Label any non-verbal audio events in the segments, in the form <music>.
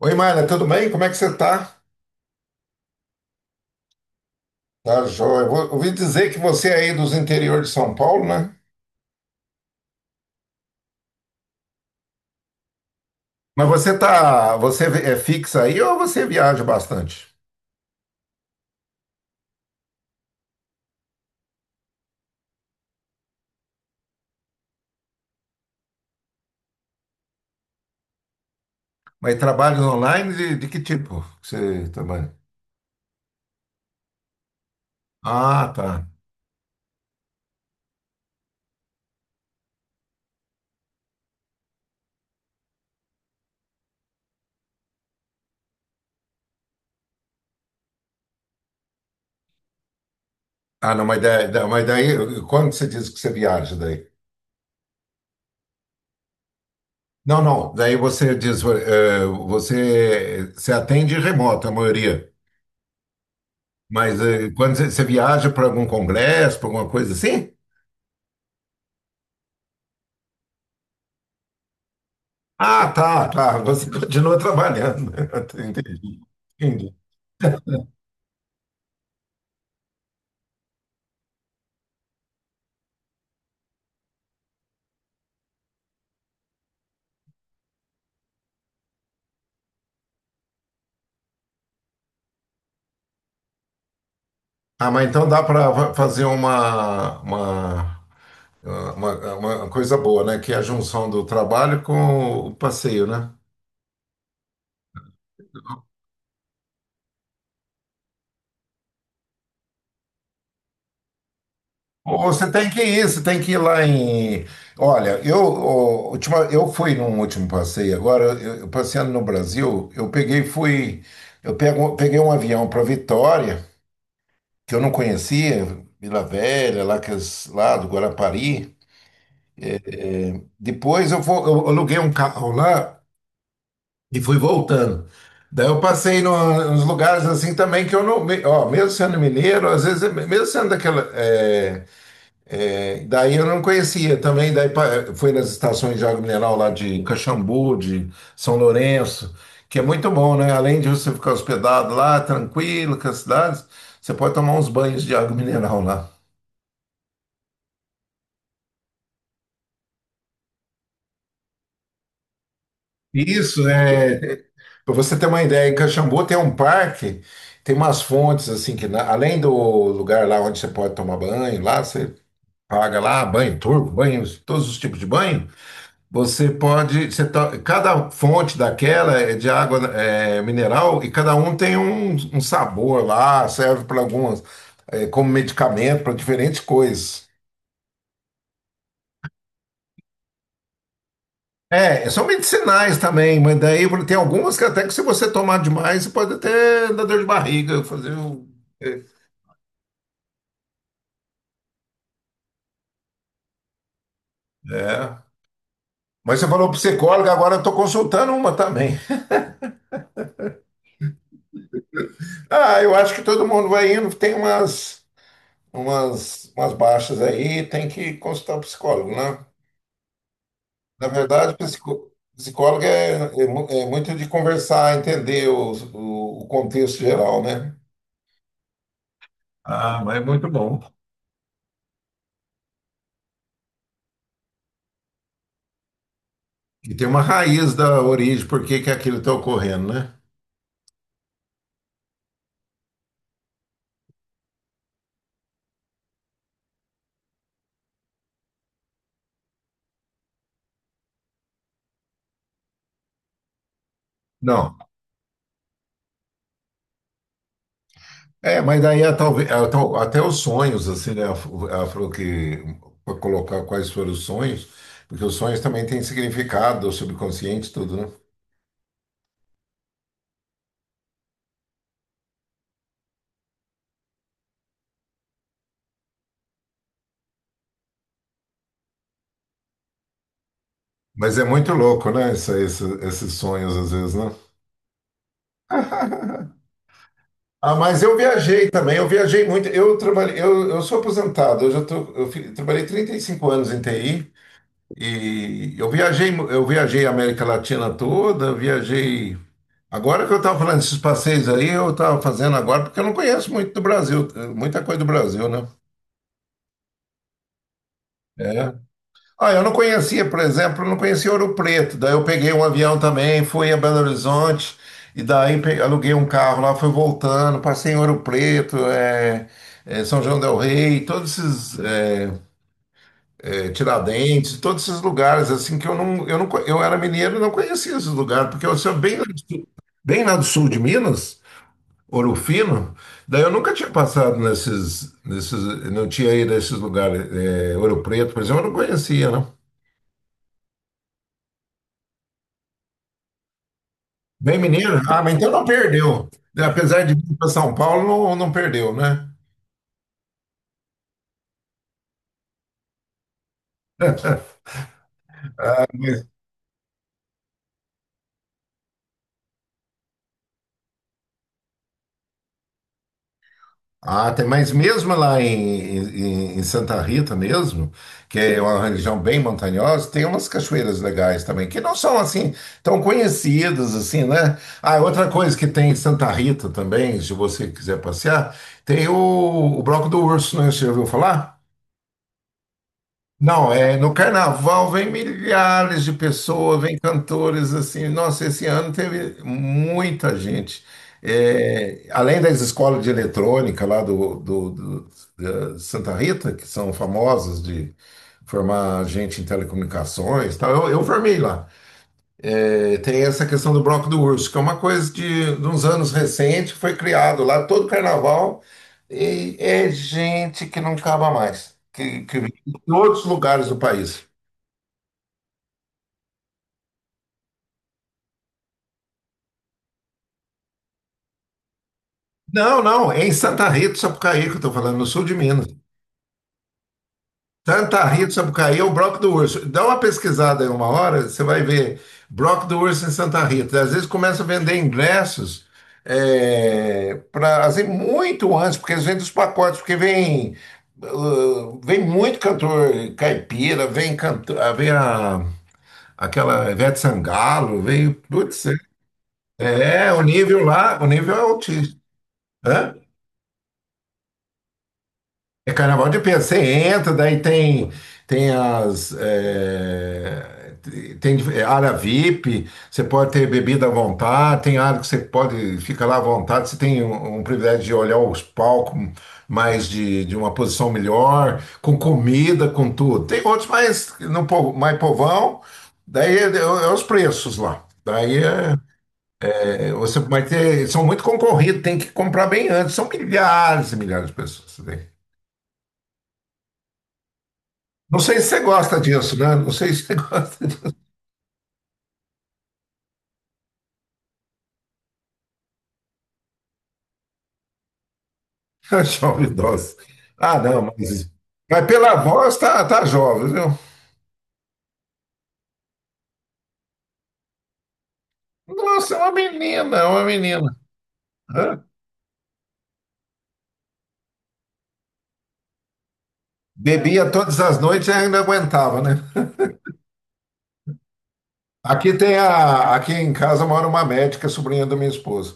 Oi, Mara, tudo bem? Como é que você tá? Tá, joia. Ouvi dizer que você é aí dos interior de São Paulo, né? Mas você tá, você é fixa aí ou você viaja bastante? Mas trabalhos online de que tipo que você trabalha? Ah, tá. Ah, não, mas daí, mas daí, quando você diz que você viaja daí? Não, não, daí você diz, você, você atende remoto, a maioria. Mas quando você, você viaja para algum congresso, para alguma coisa assim? Ah, tá, tá. Você continua trabalhando. <laughs> Entendi. Entendi. Ah, mas então dá para fazer uma coisa boa, né? Que é a junção do trabalho com o passeio, né? Ou você tem que ir, você tem que ir lá em. Olha, eu, ó, última, eu fui num último passeio agora, eu passeando no Brasil, eu peguei, fui. Eu pego, peguei um avião para Vitória, que eu não conhecia, Vila Velha, lá, que, lá do Guarapari. É, depois eu, vou, eu aluguei um carro lá e fui voltando. Daí eu passei nos lugares assim também que eu não. Ó, mesmo sendo mineiro, às vezes, mesmo sendo daquela. Daí eu não conhecia também. Fui nas estações de água mineral lá de Caxambu, de São Lourenço, que é muito bom, né? Além de você ficar hospedado lá, tranquilo, com as cidades, você pode tomar uns banhos de água mineral lá. Isso, é. Para você ter uma ideia, em Caxambu tem um parque, tem umas fontes assim que além do lugar lá onde você pode tomar banho, lá você paga lá banho turco, banho, todos os tipos de banho. Você pode, cada fonte daquela é de água mineral e cada um tem um, um sabor lá, serve para algumas como medicamento para diferentes coisas. É, são medicinais também, mas daí tem algumas que até que se você tomar demais, você pode até dar dor de barriga, fazer um. É. É. Mas você falou psicóloga, agora eu estou consultando uma também. Ah, eu acho que todo mundo vai indo, tem umas baixas aí, tem que consultar o psicólogo, né? Na verdade, psicólogo é muito de conversar, entender o contexto geral, né? Ah, mas é muito bom. E tem uma raiz da origem, por que que aquilo está ocorrendo, né? Não. É, mas daí é até os sonhos, assim, né? Ela falou que para colocar quais foram os sonhos, porque os sonhos também têm significado, o subconsciente, tudo, né? Mas é muito louco, né? Esses sonhos, às vezes, né? Ah, mas eu viajei também, eu viajei muito. Eu trabalhei, eu sou aposentado, eu já tô, trabalhei 35 anos em TI e eu viajei, eu viajei a América Latina toda, viajei. Agora que eu estava falando desses passeios aí, eu estava fazendo agora, porque eu não conheço muito do Brasil, muita coisa do Brasil, né? É. Ah, eu não conhecia, por exemplo, eu não conhecia Ouro Preto. Daí eu peguei um avião também, fui a Belo Horizonte, e aluguei um carro lá, fui voltando, passei em Ouro Preto, São João del Rei, todos esses Tiradentes, todos esses lugares assim que eu era mineiro e não conhecia esses lugares, porque eu sou bem lá do sul de Minas. Ouro Fino? Daí eu nunca tinha passado não tinha ido a esses lugares. É, Ouro Preto, por exemplo, eu não conhecia, não. Bem mineiro? Ah, mas então não perdeu. Apesar de vir para São Paulo, não, não perdeu, né? Ah, tem, mas mesmo lá em Santa Rita mesmo, que é uma região bem montanhosa, tem umas cachoeiras legais também, que não são assim tão conhecidas assim, né? Ah, outra coisa que tem em Santa Rita também, se você quiser passear, tem o Bloco do Urso, né? Você já ouviu falar? Não, é, no carnaval vem milhares de pessoas, vem cantores assim. Nossa, esse ano teve muita gente. É, além das escolas de eletrônica lá da Santa Rita, que são famosas de formar gente em telecomunicações, e tal, eu formei lá. É, tem essa questão do bloco do urso, que é uma coisa de uns anos recente, que foi criado lá todo carnaval, e é gente que não acaba mais, que vem de todos os lugares do país. Não, não, é em Santa Rita do Sapucaí que eu estou falando, no sul de Minas. Santa Rita do Sapucaí é o Broco do Urso. Dá uma pesquisada aí uma hora, você vai ver Broco do Urso em Santa Rita. Às vezes começa a vender ingressos pra, assim, muito antes, porque eles vendem os pacotes, porque vem, vem muito cantor caipira, vem, cantor, vem a, aquela Ivete Sangalo, vem. Putz, é, o nível lá, o nível é altíssimo. Hã? É carnaval de Pedro. Você entra, daí tem as é, tem área VIP. Você pode ter bebida à vontade. Tem área que você pode ficar lá à vontade. Você tem um, um privilégio de olhar os palcos mais de uma posição melhor, com comida, com tudo. Tem outros mais no povo- mais povão. Daí é os preços lá. Você vai ter, são muito concorridos, tem que comprar bem antes. São milhares e milhares de pessoas, né? Não sei se você gosta disso, né? Não sei se você <laughs> gosta de <laughs> jovem idosa. Ah, não, mas pela voz tá, tá jovem, viu? Nossa, é uma menina, é uma menina. Hã? Bebia todas as noites e ainda aguentava, né? Aqui tem a, aqui em casa mora uma médica, sobrinha da minha esposa.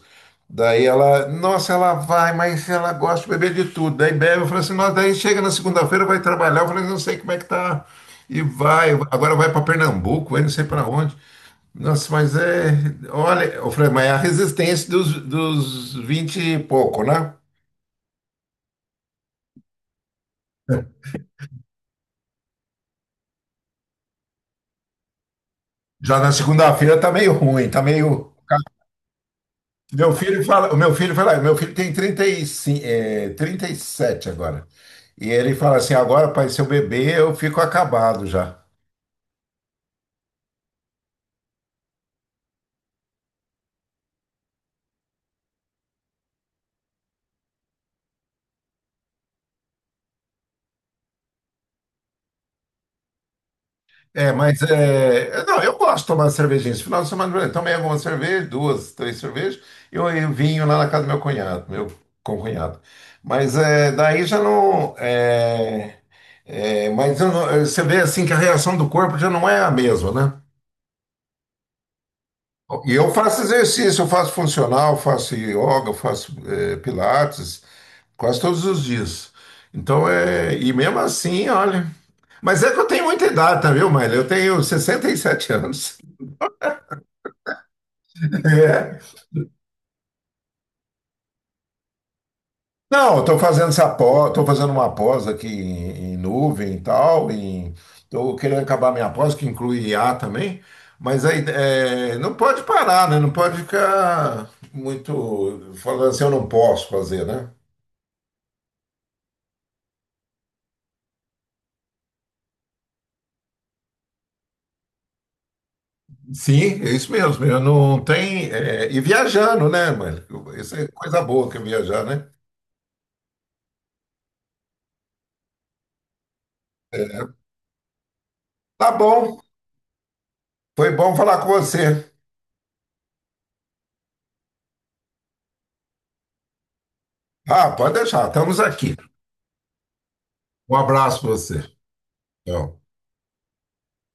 Daí ela, nossa, ela vai, mas ela gosta de beber de tudo. Daí bebe, eu falei assim, nossa, daí chega na segunda-feira, vai trabalhar. Eu falei, não sei como é que tá. E vai, agora vai para Pernambuco, vai não sei para onde. Nossa, mas é. Olha, ô Fred, mas é a resistência dos, dos 20 e pouco, né? Já na segunda-feira tá meio ruim, tá meio. O meu filho fala, meu filho tem 35, é, 37 agora. E ele fala assim: agora, pai, se eu beber, eu fico acabado já. É, mas é. Não, eu gosto de tomar cervejinha. Esse final de semana eu tomei algumas cervejas, duas, três cervejas, e eu vinho lá na casa do meu cunhado, meu concunhado. Mas é, daí já não. Mas eu você vê assim que a reação do corpo já não é a mesma, né? E eu faço exercício, eu faço funcional, faço yoga, eu faço pilates, quase todos os dias. Então é. E mesmo assim, olha. Mas é que eu tenho muita idade, tá, viu, Maíra? Eu tenho 67 anos. É. Não, estou fazendo essa pós, estou fazendo uma pós aqui em nuvem e tal, em, estou querendo acabar minha pós, que inclui I a também, mas aí é, não pode parar, né? Não pode ficar muito falando assim, eu não posso fazer, né? Sim, é isso mesmo. Eu não tem e viajando, né, mano? Isso é coisa boa que é viajar, né? Tá bom, foi bom falar com você. Ah, pode deixar, estamos aqui. Um abraço para você. Tchau.